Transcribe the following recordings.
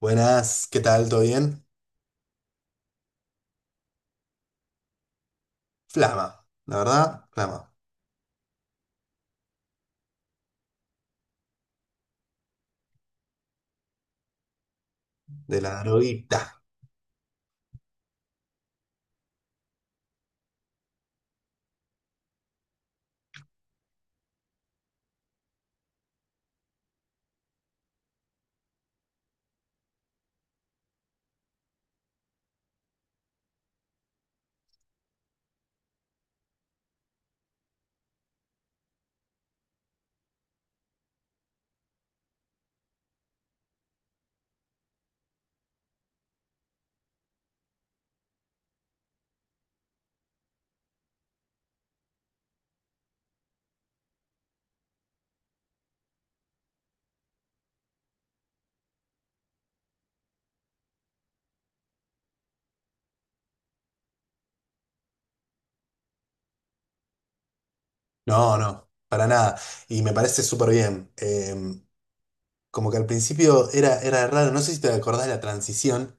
Buenas, ¿qué tal? ¿Todo bien? Flama, la verdad, flama, de la droguita. No, no, para nada. Y me parece súper bien. Como que al principio era, era raro, no sé si te acordás de la transición.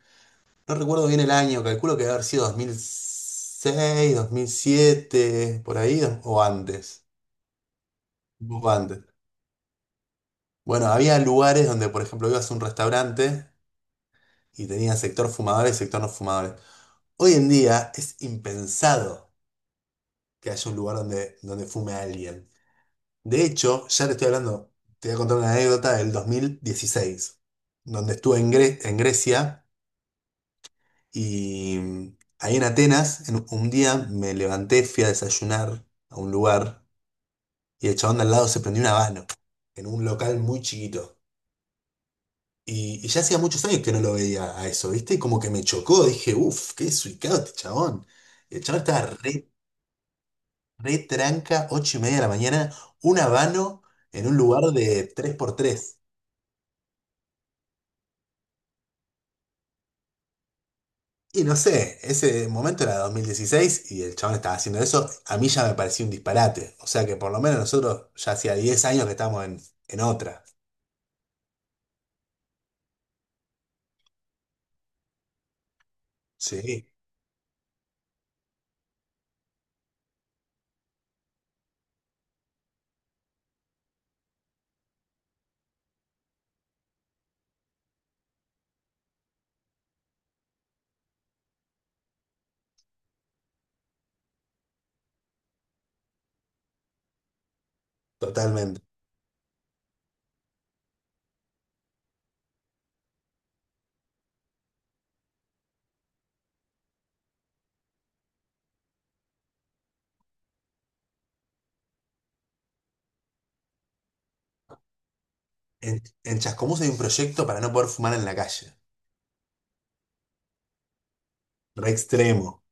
No recuerdo bien el año, calculo que debe haber sido 2006, 2007, por ahí, o antes. Un poco antes. Bueno, había lugares donde, por ejemplo, ibas a un restaurante y tenía sector fumadores y sector no fumadores. Hoy en día es impensado que haya un lugar donde fume a alguien. De hecho, ya te estoy hablando, te voy a contar una anécdota del 2016 donde estuve en, en Grecia y ahí en Atenas, un día me levanté, fui a desayunar a un lugar y el chabón de al lado se prendió un habano en un local muy chiquito. Y ya hacía muchos años que no lo veía a eso, ¿viste? Y como que me chocó, dije, uff, qué desubicado este chabón. Y el chabón estaba re retranca, 8:30 de la mañana, un habano en un lugar de tres por tres. Y no sé, ese momento era 2016 y el chabón estaba haciendo eso, a mí ya me parecía un disparate. O sea que por lo menos nosotros ya hacía 10 años que estamos en otra. Sí, totalmente. En Chascomús hay un proyecto para no poder fumar en la calle. Re extremo.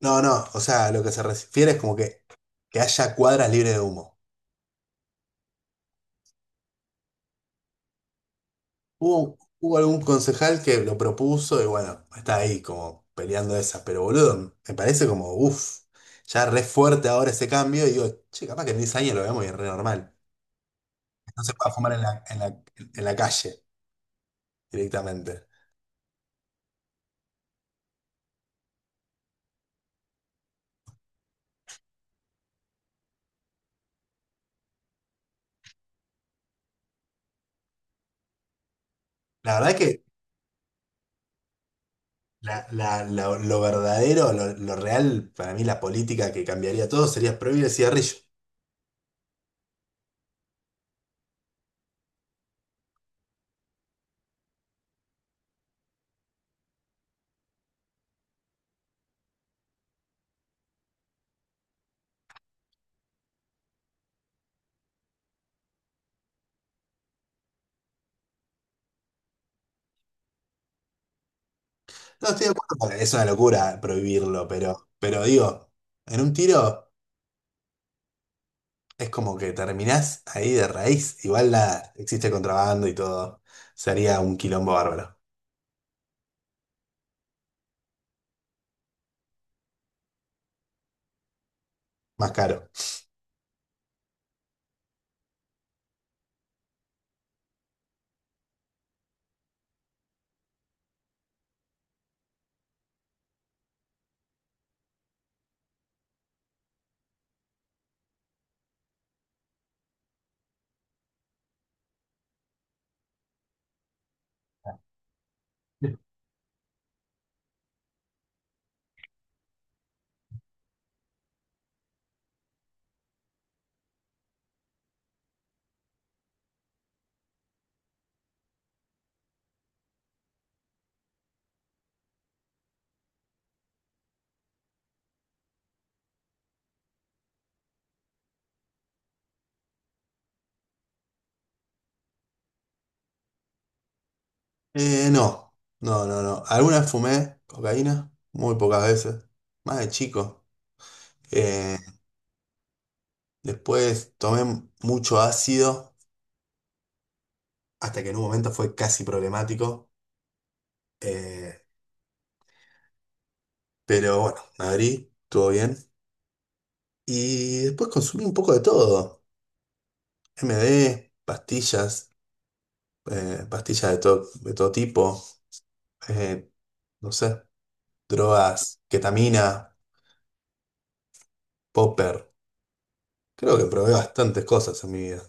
No, no, o sea, lo que se refiere es como que haya cuadras libres de humo. Hubo algún concejal que lo propuso y bueno, está ahí como peleando esas, pero boludo, me parece como, uff, ya re fuerte ahora ese cambio y digo, che, capaz que en 10 años lo vemos y es re normal. No se puede fumar en la calle directamente. La verdad que lo verdadero, lo real, para mí la política que cambiaría todo sería prohibir el cigarrillo. No estoy de acuerdo, porque es una locura prohibirlo, pero digo, en un tiro... Es como que terminás ahí de raíz. Igual la, existe contrabando y todo. Sería un quilombo bárbaro. Más caro. No, no, no, no. Alguna vez fumé cocaína, muy pocas veces. Más de chico. Eh, Después tomé mucho ácido, hasta que en un momento fue casi problemático. Eh, pero bueno, me abrí, estuvo bien. Y después consumí un poco de todo. MD, pastillas, pastillas de todo tipo. eh, no sé, drogas, ketamina, popper. Creo que probé bastantes cosas en mi vida.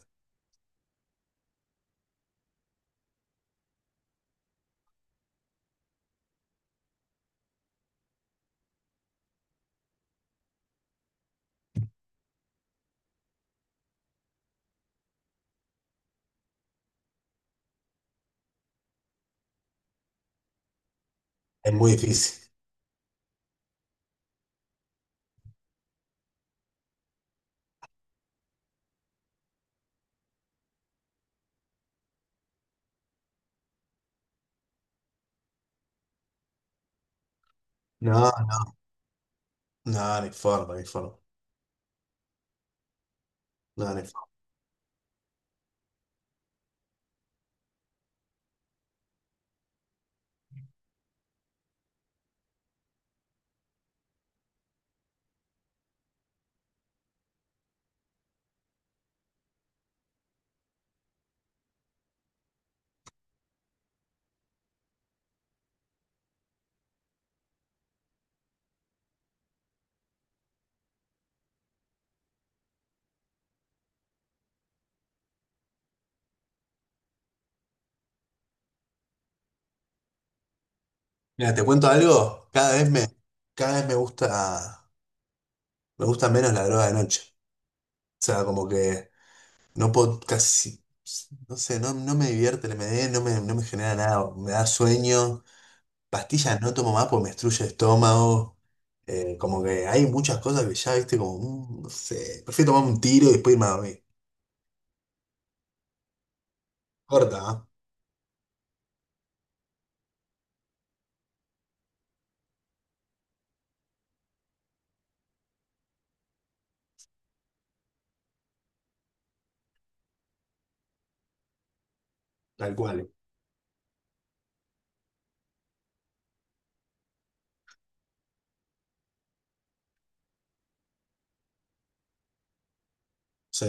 Es muy difícil. No, no, no, ni forma, ni forma. No, ni forma. Mira, te cuento algo. Cada vez me gusta menos la droga de noche. O sea, como que no puedo casi, no sé, no, no me divierte el MD, no me genera nada. Me da sueño. Pastillas no tomo más porque me destruye el estómago. Como que hay muchas cosas que ya, viste, como, no sé, prefiero tomar un tiro y después irme a dormir. Corta, ¿ah? Tal cual. Sí.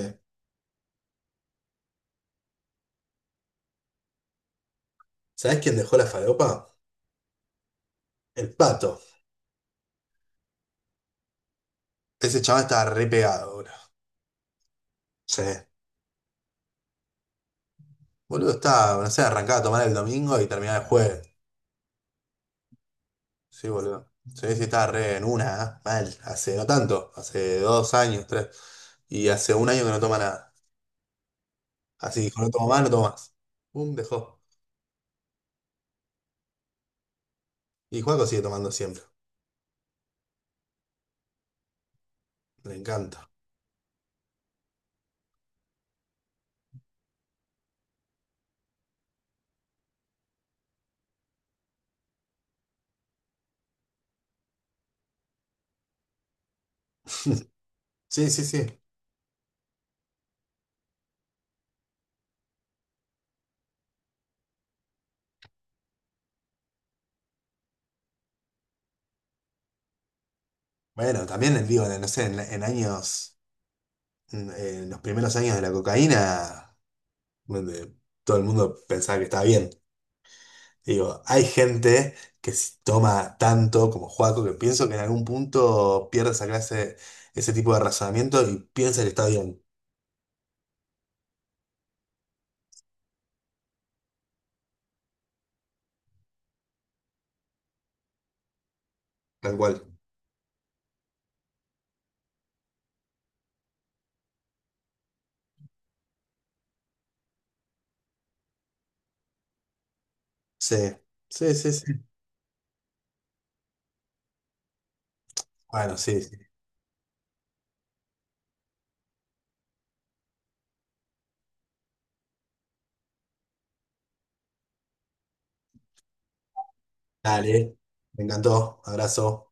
¿Sabés quién dejó la falopa? El pato. Ese chaval estaba re pegado, boludo. Sí. Boludo, estaba, no sé, arrancaba a tomar el domingo y terminaba el jueves. Sí, boludo. Sí, sí, estaba re en una, ¿ah? Mal. Hace no tanto, hace 2 años, tres. Y hace 1 año que no toma nada. Así dijo, no tomo más, no tomo más. Pum, dejó. Y Juaco sigue tomando siempre. Le encanta. Sí, sí, sí. Bueno, también digo, no sé, en años, en los primeros años de la cocaína, donde todo el mundo pensaba que estaba bien. Digo, hay gente que toma tanto como Juaco que pienso que en algún punto pierde esa clase, ese tipo de razonamiento y piensa que está bien, tal cual. Sí, sí, sí, sí. Bueno, sí, sí. Dale, me encantó. Abrazo.